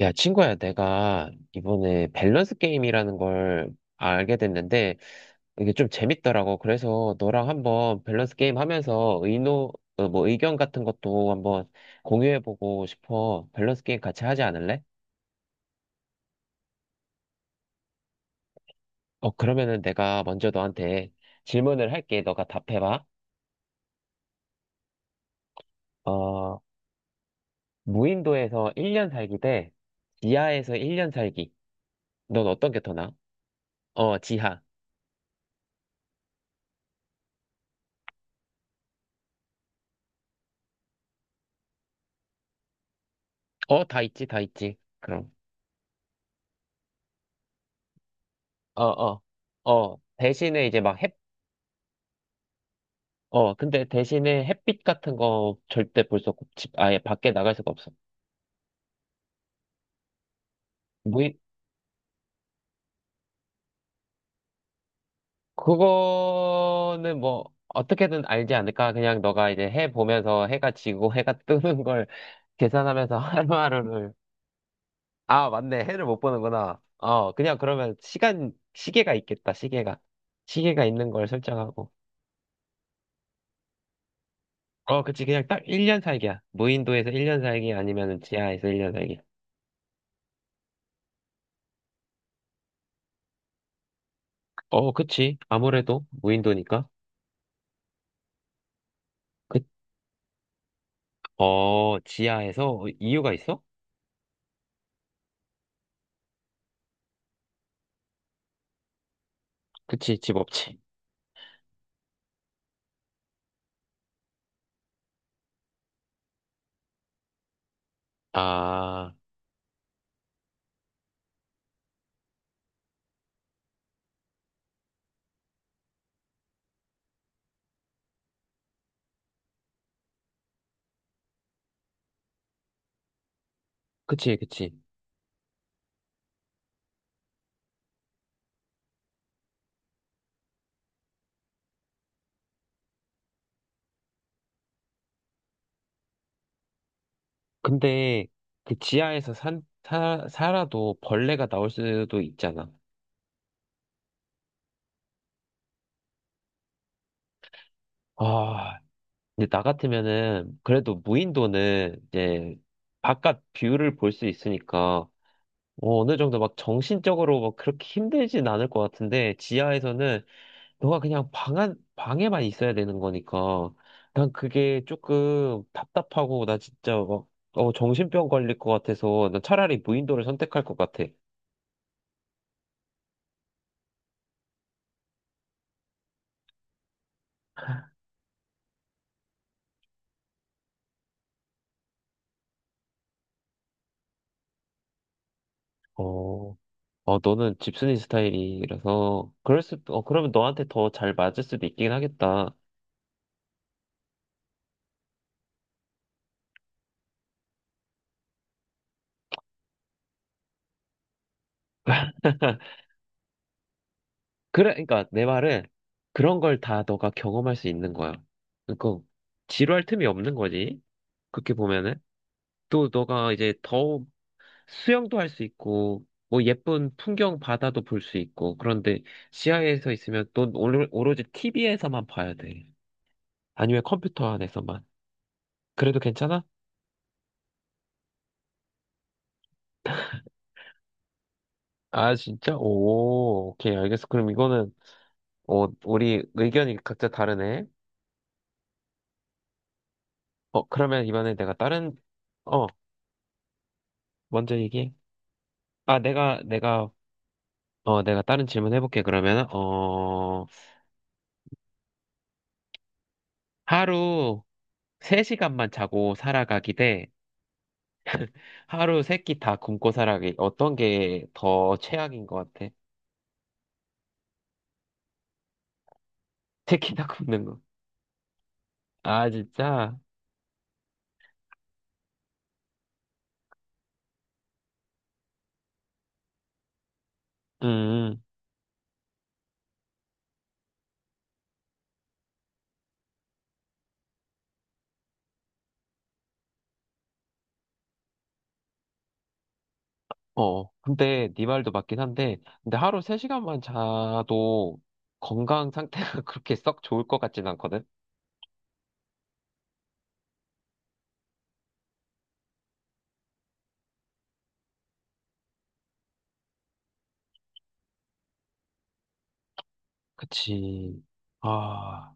야, 친구야, 내가 이번에 밸런스 게임이라는 걸 알게 됐는데, 이게 좀 재밌더라고. 그래서 너랑 한번 밸런스 게임 하면서 뭐 의견 같은 것도 한번 공유해보고 싶어. 밸런스 게임 같이 하지 않을래? 그러면은 내가 먼저 너한테 질문을 할게. 너가 답해봐. 어, 무인도에서 1년 살기 대 지하에서 1년 살기. 넌 어떤 게 더 나아? 어, 지하. 어, 다 있지, 다 있지. 그럼. 어, 어, 어, 대신에 이제 막 햇, 어, 근데 대신에 햇빛 같은 거 절대 볼 수 없고, 집, 아예 밖에 나갈 수가 없어. 무이, 그거는 뭐, 어떻게든 알지 않을까? 그냥 너가 이제 해 보면서 해가 지고 해가 뜨는 걸 계산하면서 하루하루를. 아, 맞네. 해를 못 보는구나. 그냥 그러면 시계가 있겠다, 시계가. 시계가 있는 걸 설정하고. 어, 그치. 그냥 딱 1년 살기야. 무인도에서 1년 살기 아니면 지하에서 1년 살기. 어, 그치. 아무래도 무인도니까. 그, 지하에서 이유가 있어? 그치, 집 없지. 아, 그치, 그치. 근데 그 지하에서 살아도 벌레가 나올 수도 있잖아. 아, 근데 나 같으면은 그래도 무인도는 이제 바깥 뷰를 볼 수 있으니까 어느 정도 막 정신적으로 막 그렇게 힘들진 않을 것 같은데 지하에서는 너가 그냥 방 안, 방에만 있어야 되는 거니까. 난 그게 조금 답답하고, 나 진짜 막, 정신병 걸릴 것 같아서, 난 차라리 무인도를 선택할 것 같아. 어, 어, 너는 집순이 스타일이라서, 그러면 너한테 더 잘 맞을 수도 있긴 하겠다. 그래, 그러니까 내 말은 그런 걸 다 너가 경험할 수 있는 거야. 그러니까 지루할 틈이 없는 거지. 그렇게 보면은 또 너가 이제 더 수영도 할 수 있고, 뭐 예쁜 풍경 바다도 볼 수 있고, 그런데 지하에서 있으면 또 오로지 TV에서만 봐야 돼. 아니면 컴퓨터 안에서만. 그래도 괜찮아? 아, 진짜? 오, 오케이, 알겠어. 그럼 이거는, 우리 의견이 각자 다르네. 그러면 이번에 내가 다른. 어, 먼저 얘기해. 아, 내가 다른 질문 해볼게, 그러면. 하루 3시간만 자고 살아가기 대, 하루 세 끼 다 굶고 살아기. 어떤 게 더 최악인 것 같아? 세 끼 다 굶는 거. 아, 진짜? 음, 어. 근데 네 말도 맞긴 한데, 근데 하루 3시간만 자도 건강 상태가 그렇게 썩 좋을 것 같진 않거든? 그치. 아,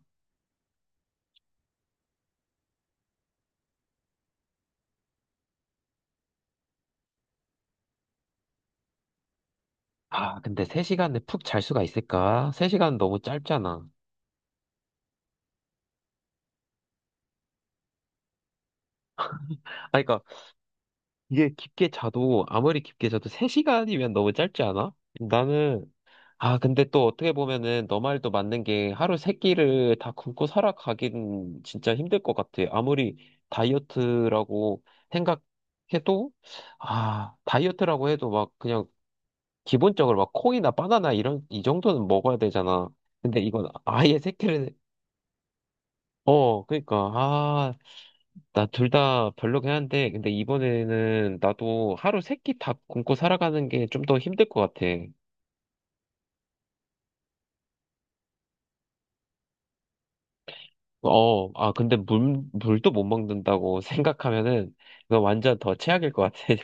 아, 근데 3시간에 푹 잘 수가 있을까? 3시간 너무 짧잖아. 아, 그러니까 이게 깊게 자도, 아무리 깊게 자도 3시간이면 너무 짧지 않아? 나는 아, 근데 또 어떻게 보면은 너 말도 맞는 게 하루 세 끼를 다 굶고 살아가긴 진짜 힘들 것 같아. 아무리 다이어트라고 생각해도, 다이어트라고 해도 막 그냥 기본적으로 막 콩이나 바나나 이 정도는 먹어야 되잖아. 근데 이건 아예 세 끼를. 그러니까, 나 둘 다 별로긴 한데, 근데 이번에는 나도 하루 세끼 다 굶고 살아가는 게 좀 더 힘들 것 같아. 어, 아, 근데 물도 못 먹는다고 생각하면은, 이거 완전 더 최악일 것 같아.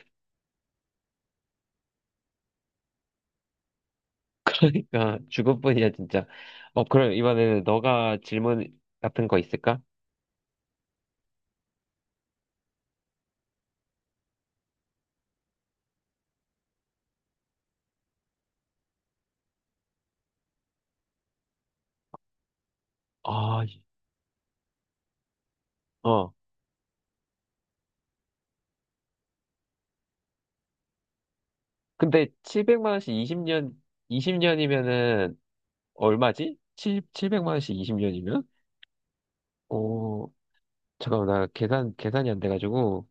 그러니까, 죽을 뿐이야, 진짜. 그럼 이번에는 너가 질문 같은 거 있을까? 아, 어. 근데 700만 원씩 20년이면은, 얼마지? 7, 700만 원씩 20년이면? 어, 잠깐만, 나 계산이 안 돼가지고.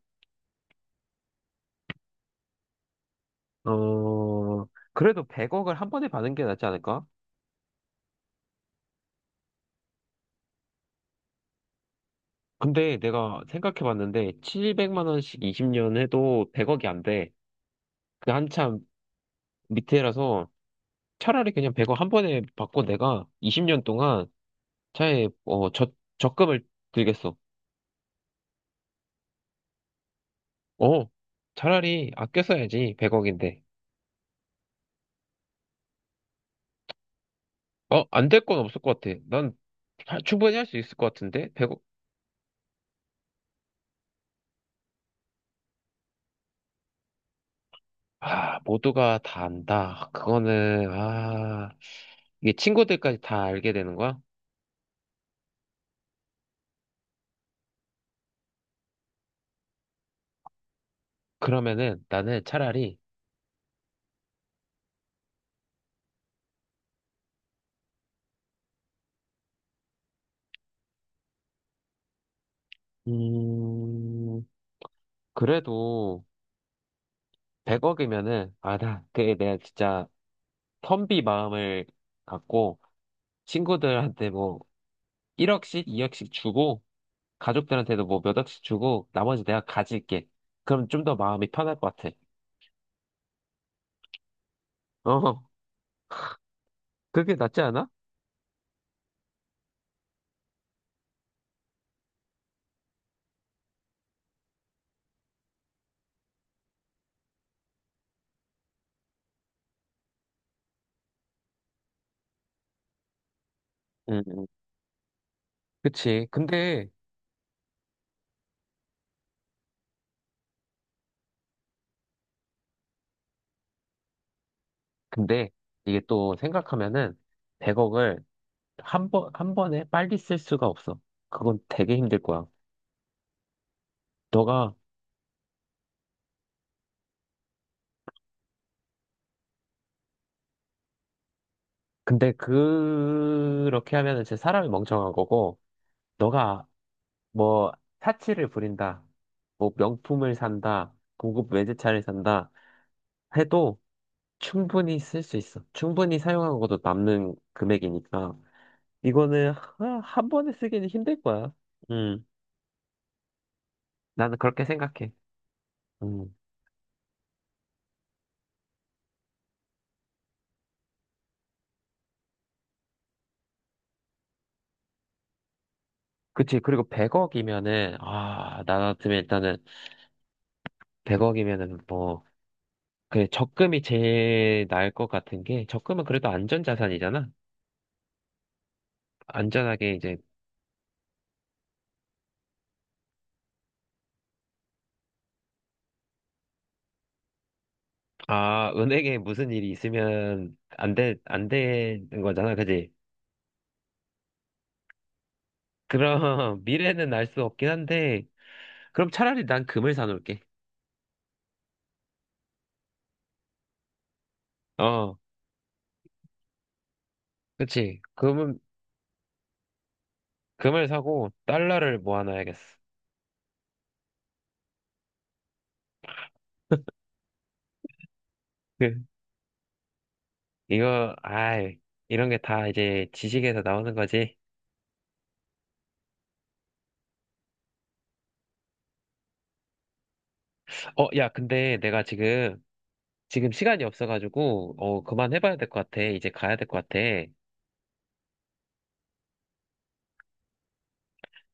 어, 그래도 100억을 한 번에 받는 게 낫지 않을까? 근데 내가 생각해봤는데 700만 원씩 20년 해도 100억이 안 돼. 그 한참 밑에라서 차라리 그냥 100억 한 번에 받고 내가 20년 동안 차에 어, 저, 적금을 들겠어. 어, 차라리 아껴 써야지 100억인데. 안될 건 없을 것 같아. 난 충분히 할 수 있을 것 같은데 100억. 아, 모두가 다 안다. 이게 친구들까지 다 알게 되는 거야? 그러면은 나는 차라리. 음. 그래도 100억이면은, 그게 내가 진짜 텀비 마음을 갖고, 친구들한테 뭐, 1억씩, 2억씩 주고, 가족들한테도 뭐 몇 억씩 주고, 나머지 내가 가질게. 그럼 좀 더 마음이 편할 것 같아. 어, 그게 낫지 않아? 응, 응. 그치. 근데, 이게 또 생각하면은, 100억을 한 번에 빨리 쓸 수가 없어. 그건 되게 힘들 거야. 너가, 근데 그렇게 하면은 진짜 사람이 멍청한 거고, 너가 뭐 사치를 부린다, 뭐 명품을 산다, 고급 외제차를 산다 해도 충분히 쓸 수 있어. 충분히 사용하고도 남는 금액이니까 이거는 한 번에 쓰기는 힘들 거야. 음, 나는 그렇게 생각해. 음, 그치. 그리고 100억이면은 아, 나 같으면 일단은 100억이면은 뭐 그 적금이 제일 나을 것 같은 게 적금은 그래도 안전 자산이잖아. 안전하게 이제 은행에 무슨 일이 있으면 안 돼, 안 되는 거잖아, 그지? 그럼 미래는 알 수 없긴 한데, 그럼 차라리 난 금을 사놓을게. 어, 그치. 금을 사고 달러를 모아놔야겠어. 그, 이거, 아이, 이런 게 다 이제 지식에서 나오는 거지. 야, 근데 내가 지금 시간이 없어가지고, 그만해봐야 될 것 같아. 이제 가야 될 것 같아.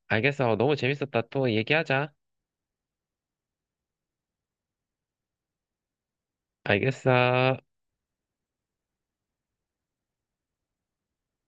알겠어. 너무 재밌었다. 또 얘기하자. 알겠어.